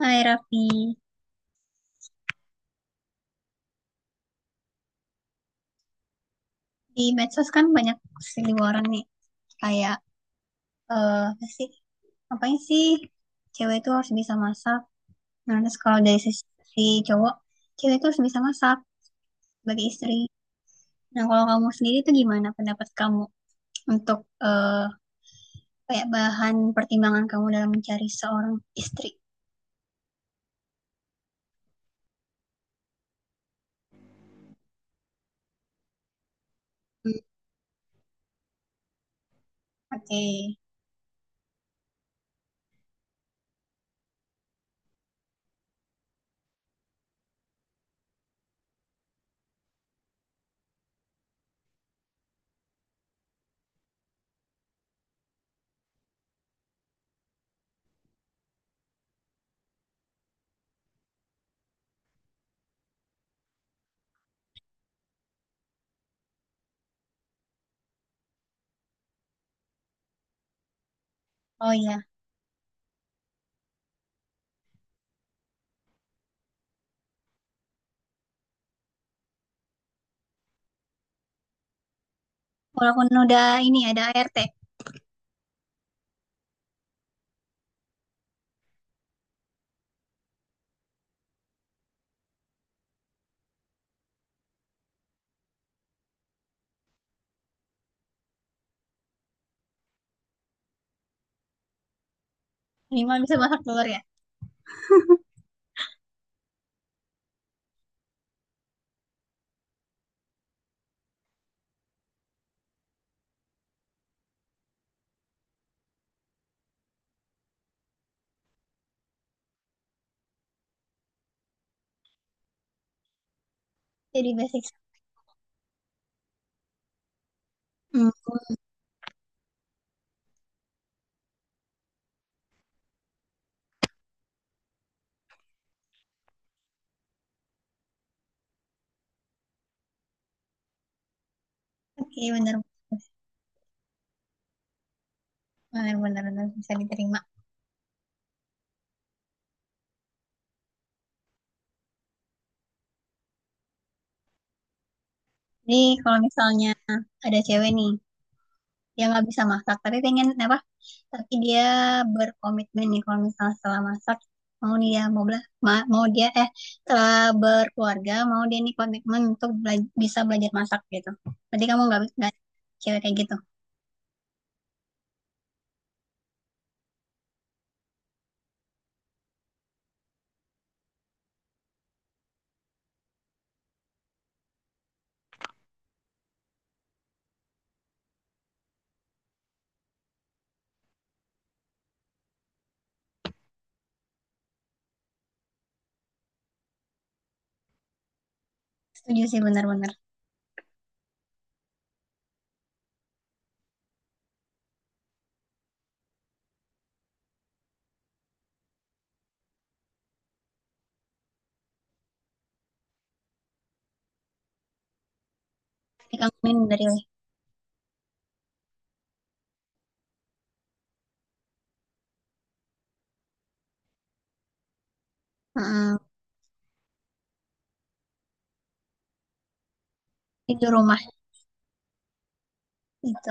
Hai Raffi, di medsos kan banyak seliweran nih, kayak eh apa sih, ngapain sih cewek itu harus bisa masak. Nah terus kalau dari sisi si cowok, cewek itu harus bisa masak sebagai istri. Nah kalau kamu sendiri tuh gimana pendapat kamu untuk eh kayak bahan pertimbangan kamu dalam mencari seorang istri? Hmm. Oke. Oh iya, walaupun udah ini ada ART, minimal bisa masak telur ya. Jadi basic. Hmm. Oke, bener benar-benar bisa diterima. Nih, kalau misalnya ada cewek nih yang nggak bisa masak, tapi pengen apa? Tapi dia berkomitmen nih kalau misalnya setelah masak mau dia mau bela, mau dia setelah berkeluarga mau dia nih komitmen untuk bisa belajar masak gitu. Berarti kamu nggak cewek kayak gitu. Setuju sih benar-benar. Jadi kamu ini dari. Heeh, itu rumah itu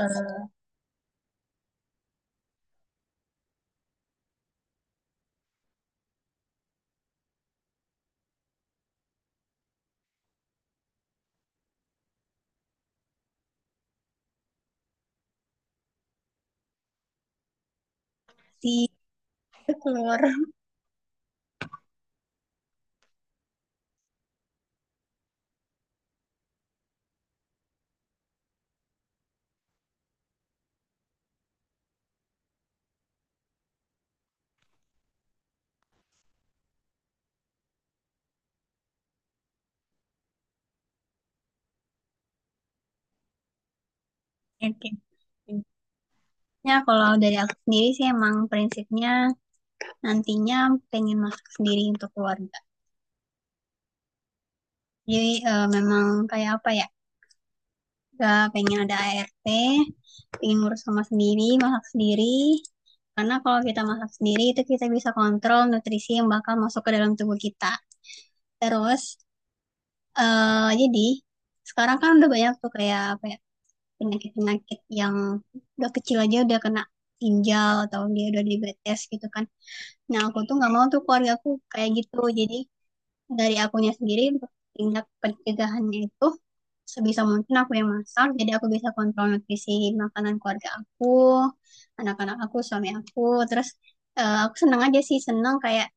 si keluar. Oke. Ya, kalau dari aku sendiri sih emang prinsipnya nantinya pengen masak sendiri untuk keluarga. Jadi memang kayak apa ya? Gak pengen ada ART, pengen ngurus sama sendiri, masak sendiri. Karena kalau kita masak sendiri itu kita bisa kontrol nutrisi yang bakal masuk ke dalam tubuh kita. Terus jadi sekarang kan udah banyak tuh kayak apa ya penyakit-penyakit yang udah kecil aja udah kena ginjal atau dia udah diabetes gitu kan. Nah aku tuh nggak mau tuh keluarga aku kayak gitu. Jadi dari akunya sendiri untuk tindak pencegahannya itu sebisa mungkin aku yang masak jadi aku bisa kontrol nutrisi makanan keluarga aku, anak-anak aku, suami aku. Terus aku seneng aja sih, seneng kayak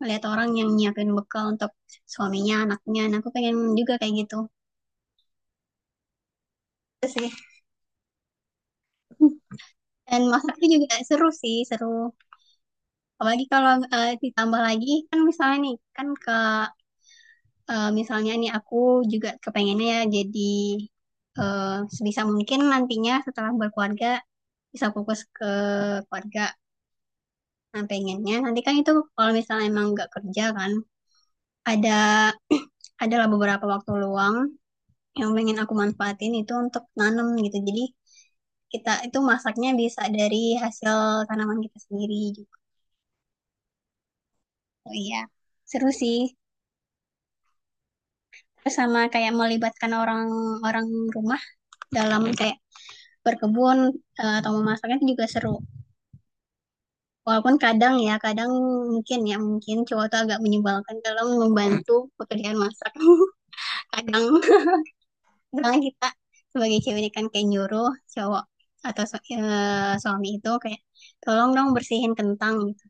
melihat orang yang nyiapin bekal untuk suaminya, anaknya. Nah aku pengen juga kayak gitu. Itu sih. Dan masak itu juga seru sih, seru apalagi kalau ditambah lagi kan misalnya nih kan ke misalnya nih aku juga kepengennya ya. Jadi eh, sebisa mungkin nantinya setelah berkeluarga bisa fokus ke keluarga. Nah, pengennya nanti kan itu kalau misalnya emang nggak kerja kan ada adalah beberapa waktu luang yang pengen aku manfaatin itu untuk nanam gitu. Jadi kita itu masaknya bisa dari hasil tanaman kita sendiri gitu. Oh iya, seru sih. Terus sama kayak melibatkan orang-orang rumah dalam kayak berkebun, atau memasaknya itu juga seru. Walaupun kadang ya, kadang mungkin ya, mungkin cowok tuh agak menyebalkan kalau membantu pekerjaan masak. Kadang kadang kita sebagai cewek ini kan kayak nyuruh cowok atau suami itu kayak tolong dong bersihin kentang gitu.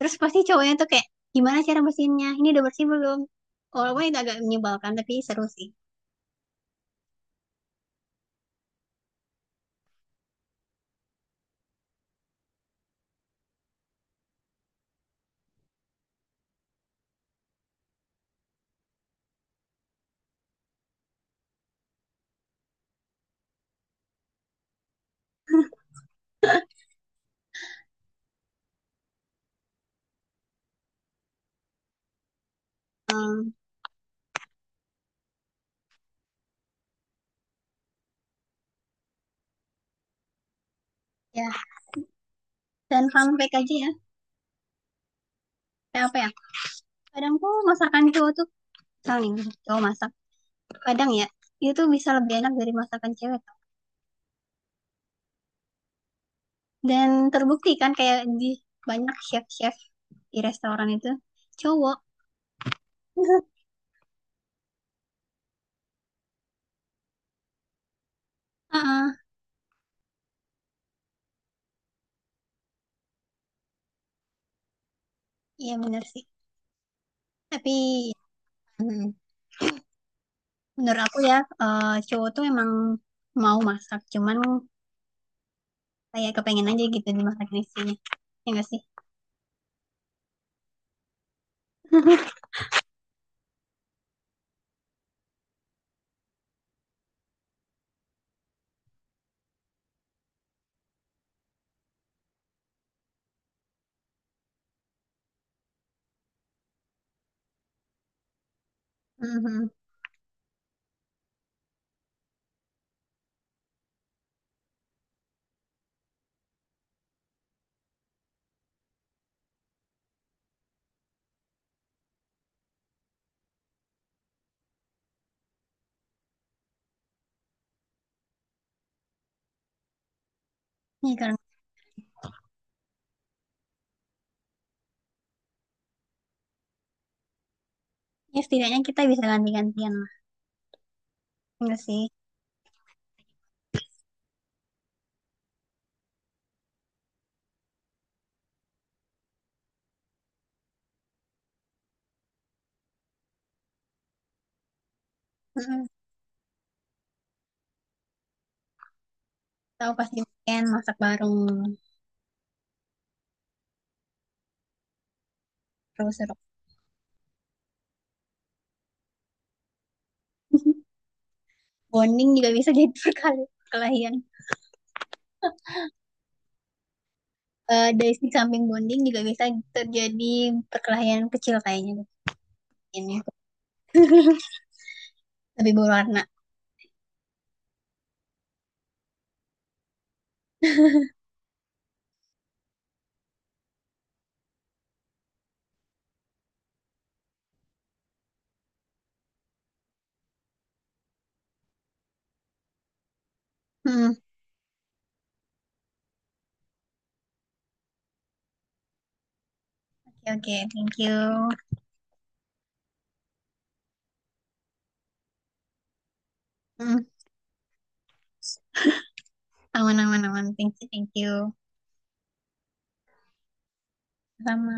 Terus pasti cowoknya tuh kayak gimana cara bersihinnya? Ini udah bersih belum? Walaupun itu agak menyebalkan tapi seru sih. Ya, dan fun fact aja ya. Kayak apa ya? Kadang tuh masakan cowok tuh misalnya cowok masak kadang ya itu tuh bisa lebih enak dari masakan cewek tau. Dan terbukti kan kayak di banyak chef-chef di restoran itu cowok. Heeh, iya bener sih tapi. Hmm. Menurut aku ya cowok tuh emang mau masak cuman kayak kepengen aja gitu dimasakin istrinya, ya enggak sih. Mhm. Ya karena ya setidaknya kita bisa ganti-gantian lah, ya enggak sih. Heeh. Tahu pasti weekend masak bareng terus seru. Bonding juga bisa jadi perkali perkelahian. Dari sisi samping bonding juga bisa terjadi perkelahian kecil kayaknya mungkin ya. Lebih berwarna. Hmm, oke, oke, thank you. Hmm, aman, aman, aman. Thank you, thank you. Sama.